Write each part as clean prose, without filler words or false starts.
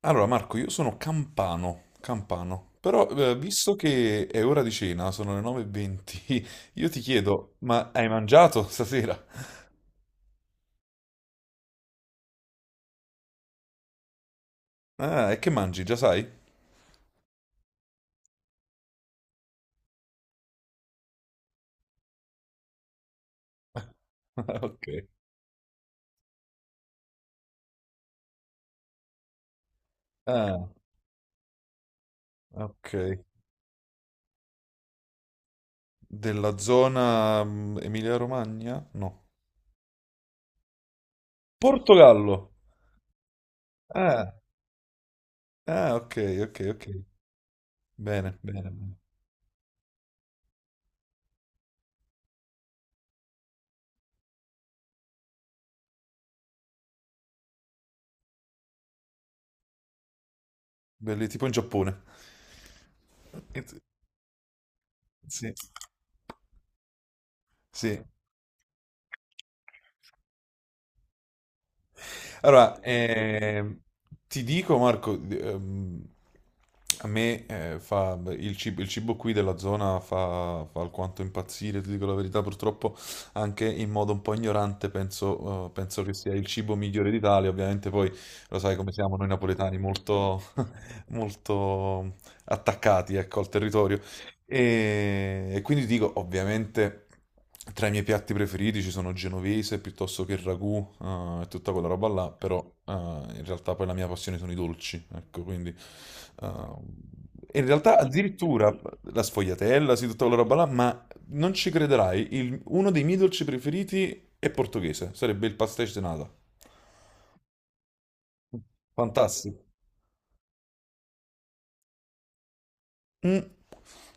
Allora Marco, io sono campano, campano, però visto che è ora di cena, sono le 9:20, io ti chiedo, ma hai mangiato stasera? Ah, e che mangi, già sai? Ok. Ah, ok. Della zona Emilia-Romagna? No. Portogallo! Ah, ah, ok, ok, ok. Bene, bene, bene. Belli, tipo in Giappone. Sì. Sì. Allora, ti dico Marco, a me fa il cibo qui della zona fa alquanto impazzire, ti dico la verità, purtroppo anche in modo un po' ignorante penso, penso che sia il cibo migliore d'Italia, ovviamente poi lo sai come siamo noi napoletani, molto, molto attaccati ecco, al territorio. E quindi ti dico, ovviamente, tra i miei piatti preferiti ci sono genovese piuttosto che il ragù e tutta quella roba là, però in realtà poi la mia passione sono i dolci, ecco, quindi. eh, e in realtà addirittura la sfogliatella, sì, tutta quella roba là, ma non ci crederai, uno dei miei dolci preferiti è portoghese, sarebbe il pastéis de nata. Fantastico. Mm.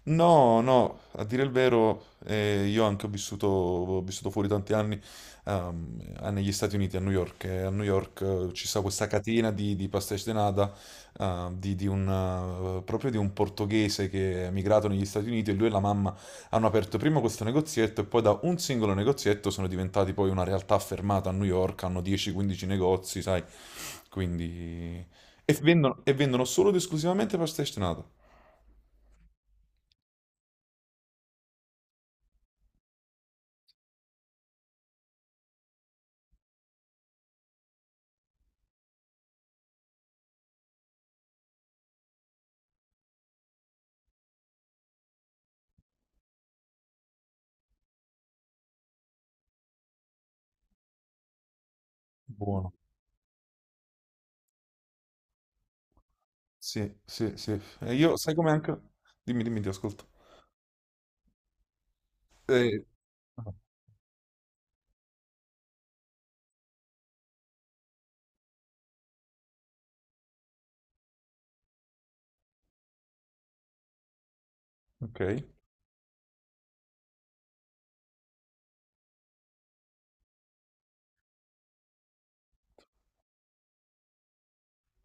No, no, a dire il vero, io anche ho vissuto fuori tanti anni negli Stati Uniti, a New York. E a New York, ci sta questa catena di pastéis de nata, eh, di- di un, proprio di un portoghese che è emigrato negli Stati Uniti e lui e la mamma hanno aperto prima questo negozietto e poi da un singolo negozietto sono diventati poi una realtà affermata a New York, hanno 10-15 negozi, sai, quindi. E vendono solo ed esclusivamente pastéis de nata. Buono. Sì, sì, sì. E io, sai come anche. Dimmi, dimmi, ti ascolto. Eh, ok.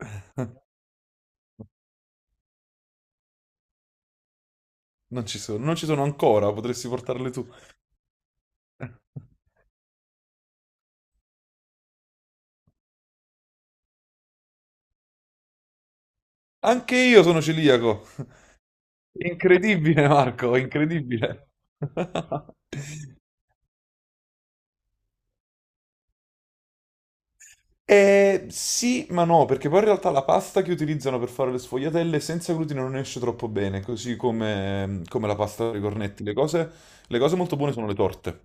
Non ci sono, non ci sono ancora, potresti portarle tu. Anche io sono celiaco. Incredibile, Marco, incredibile. Sì, ma no, perché poi in realtà la pasta che utilizzano per fare le sfogliatelle senza glutine non esce troppo bene, così come la pasta per i cornetti. Le cose molto buone sono le torte,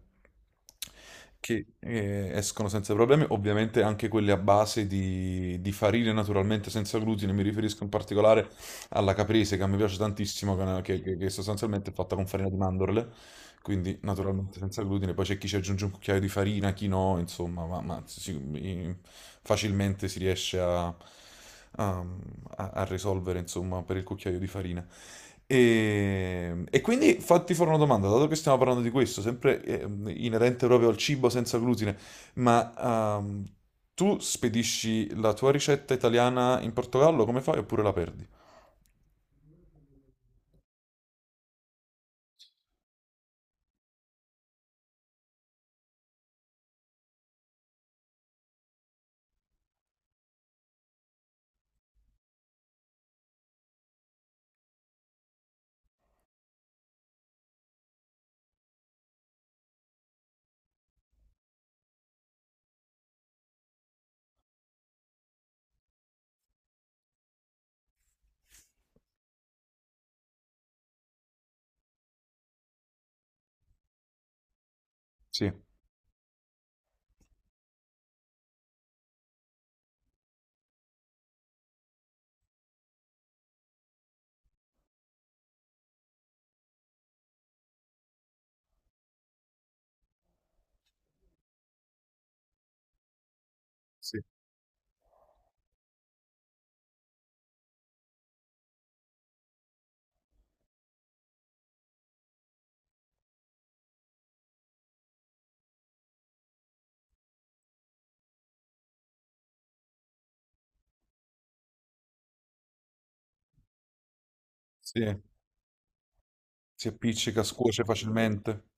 che escono senza problemi, ovviamente anche quelle a base di farine naturalmente senza glutine, mi riferisco in particolare alla caprese che a me piace tantissimo, che, è una- che sostanzialmente è fatta con farina di mandorle, quindi naturalmente senza glutine. Poi c'è chi ci aggiunge un cucchiaio di farina, chi no, insomma, facilmente si riesce a risolvere, insomma, per il cucchiaio di farina. E quindi fatti fare una domanda, dato che stiamo parlando di questo, sempre inerente proprio al cibo senza glutine, ma tu spedisci la tua ricetta italiana in Portogallo, come fai oppure la perdi? Sì. Sì, sì, si appiccica, scuoce facilmente.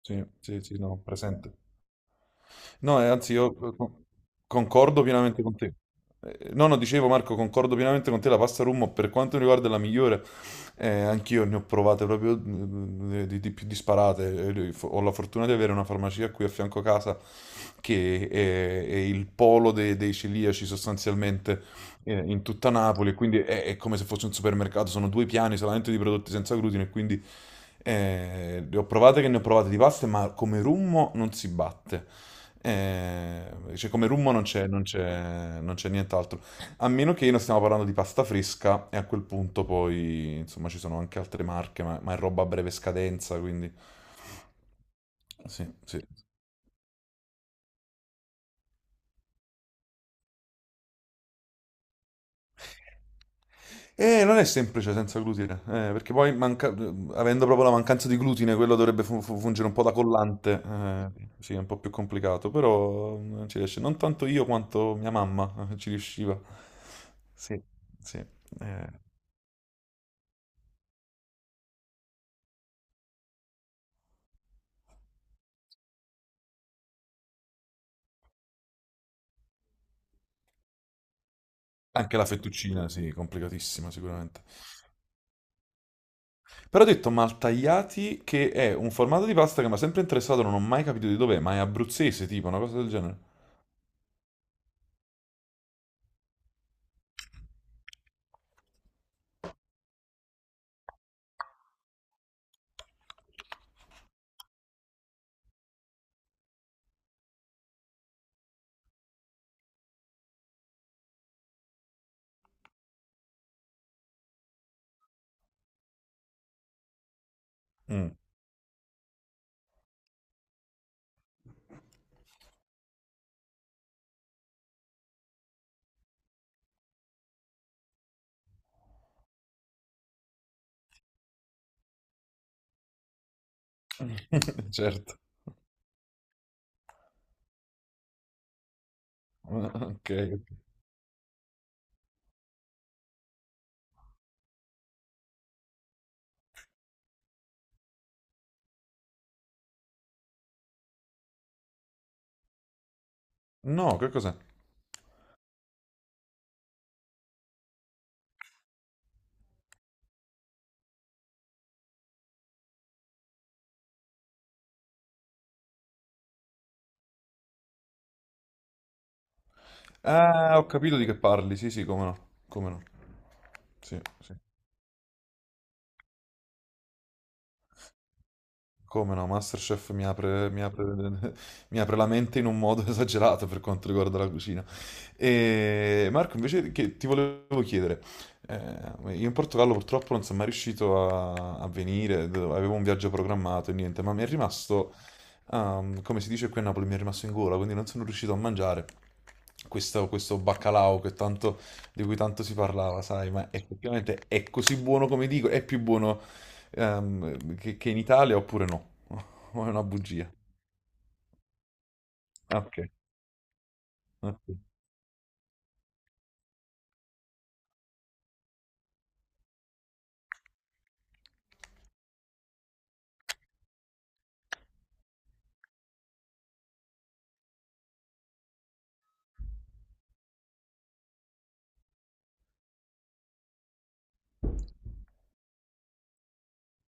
Sì, sì, sì, no, presente. No, anzi, io concordo pienamente con te. No, no, dicevo Marco, concordo pienamente con te, la pasta rummo per quanto mi riguarda è la migliore. Anch'io ne ho provate proprio di più disparate. Ho la fortuna di avere una farmacia qui a fianco a casa che è il polo dei celiaci sostanzialmente in tutta Napoli, quindi è come se fosse un supermercato, sono due piani solamente di prodotti senza glutine, e quindi le ho provate che ne ho provate di paste, ma come rummo non si batte. Cioè, come rummo non c'è nient'altro. A meno che non stiamo parlando di pasta fresca, e a quel punto poi, insomma, ci sono anche altre marche, ma è roba a breve scadenza, quindi. Sì, sì. Non è semplice senza glutine, perché poi avendo proprio la mancanza di glutine, quello dovrebbe fungere un po' da collante. Sì, è un po' più complicato, però non ci riesce. Non tanto io quanto mia mamma ci riusciva. Sì, sì. Eh. Anche la fettuccina, sì, complicatissima sicuramente. Però ho detto maltagliati, che è un formato di pasta che mi ha sempre interessato, non ho mai capito di dov'è, ma è abruzzese, tipo, una cosa del genere. Mm. Certo. Ok. No, che cos'è? Ah, ho capito di che parli, sì, sì, come no. Come no. Sì, sì. Come no, MasterChef mi apre, mi apre la mente in un modo esagerato per quanto riguarda la cucina. E Marco, invece che ti volevo chiedere, io in Portogallo purtroppo non sono mai riuscito a venire, avevo un viaggio programmato e niente, ma mi è rimasto, come si dice qui a Napoli, mi è rimasto in gola, quindi non sono riuscito a mangiare questo baccalà che tanto, di cui tanto si parlava, sai, ma effettivamente è così buono come dico, è più buono che in Italia oppure no? O è una bugia? Ah, ok. Ok.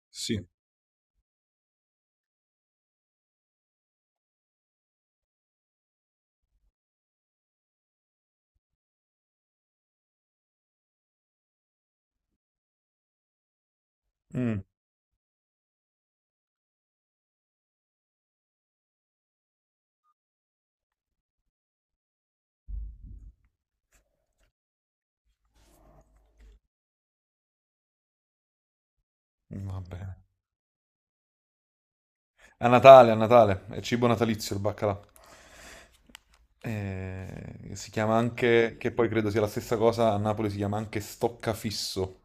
Sì. Mm, Va bene. A Natale, è cibo natalizio il baccalà. Si chiama anche, che poi credo sia la stessa cosa, a Napoli si chiama anche stoccafisso.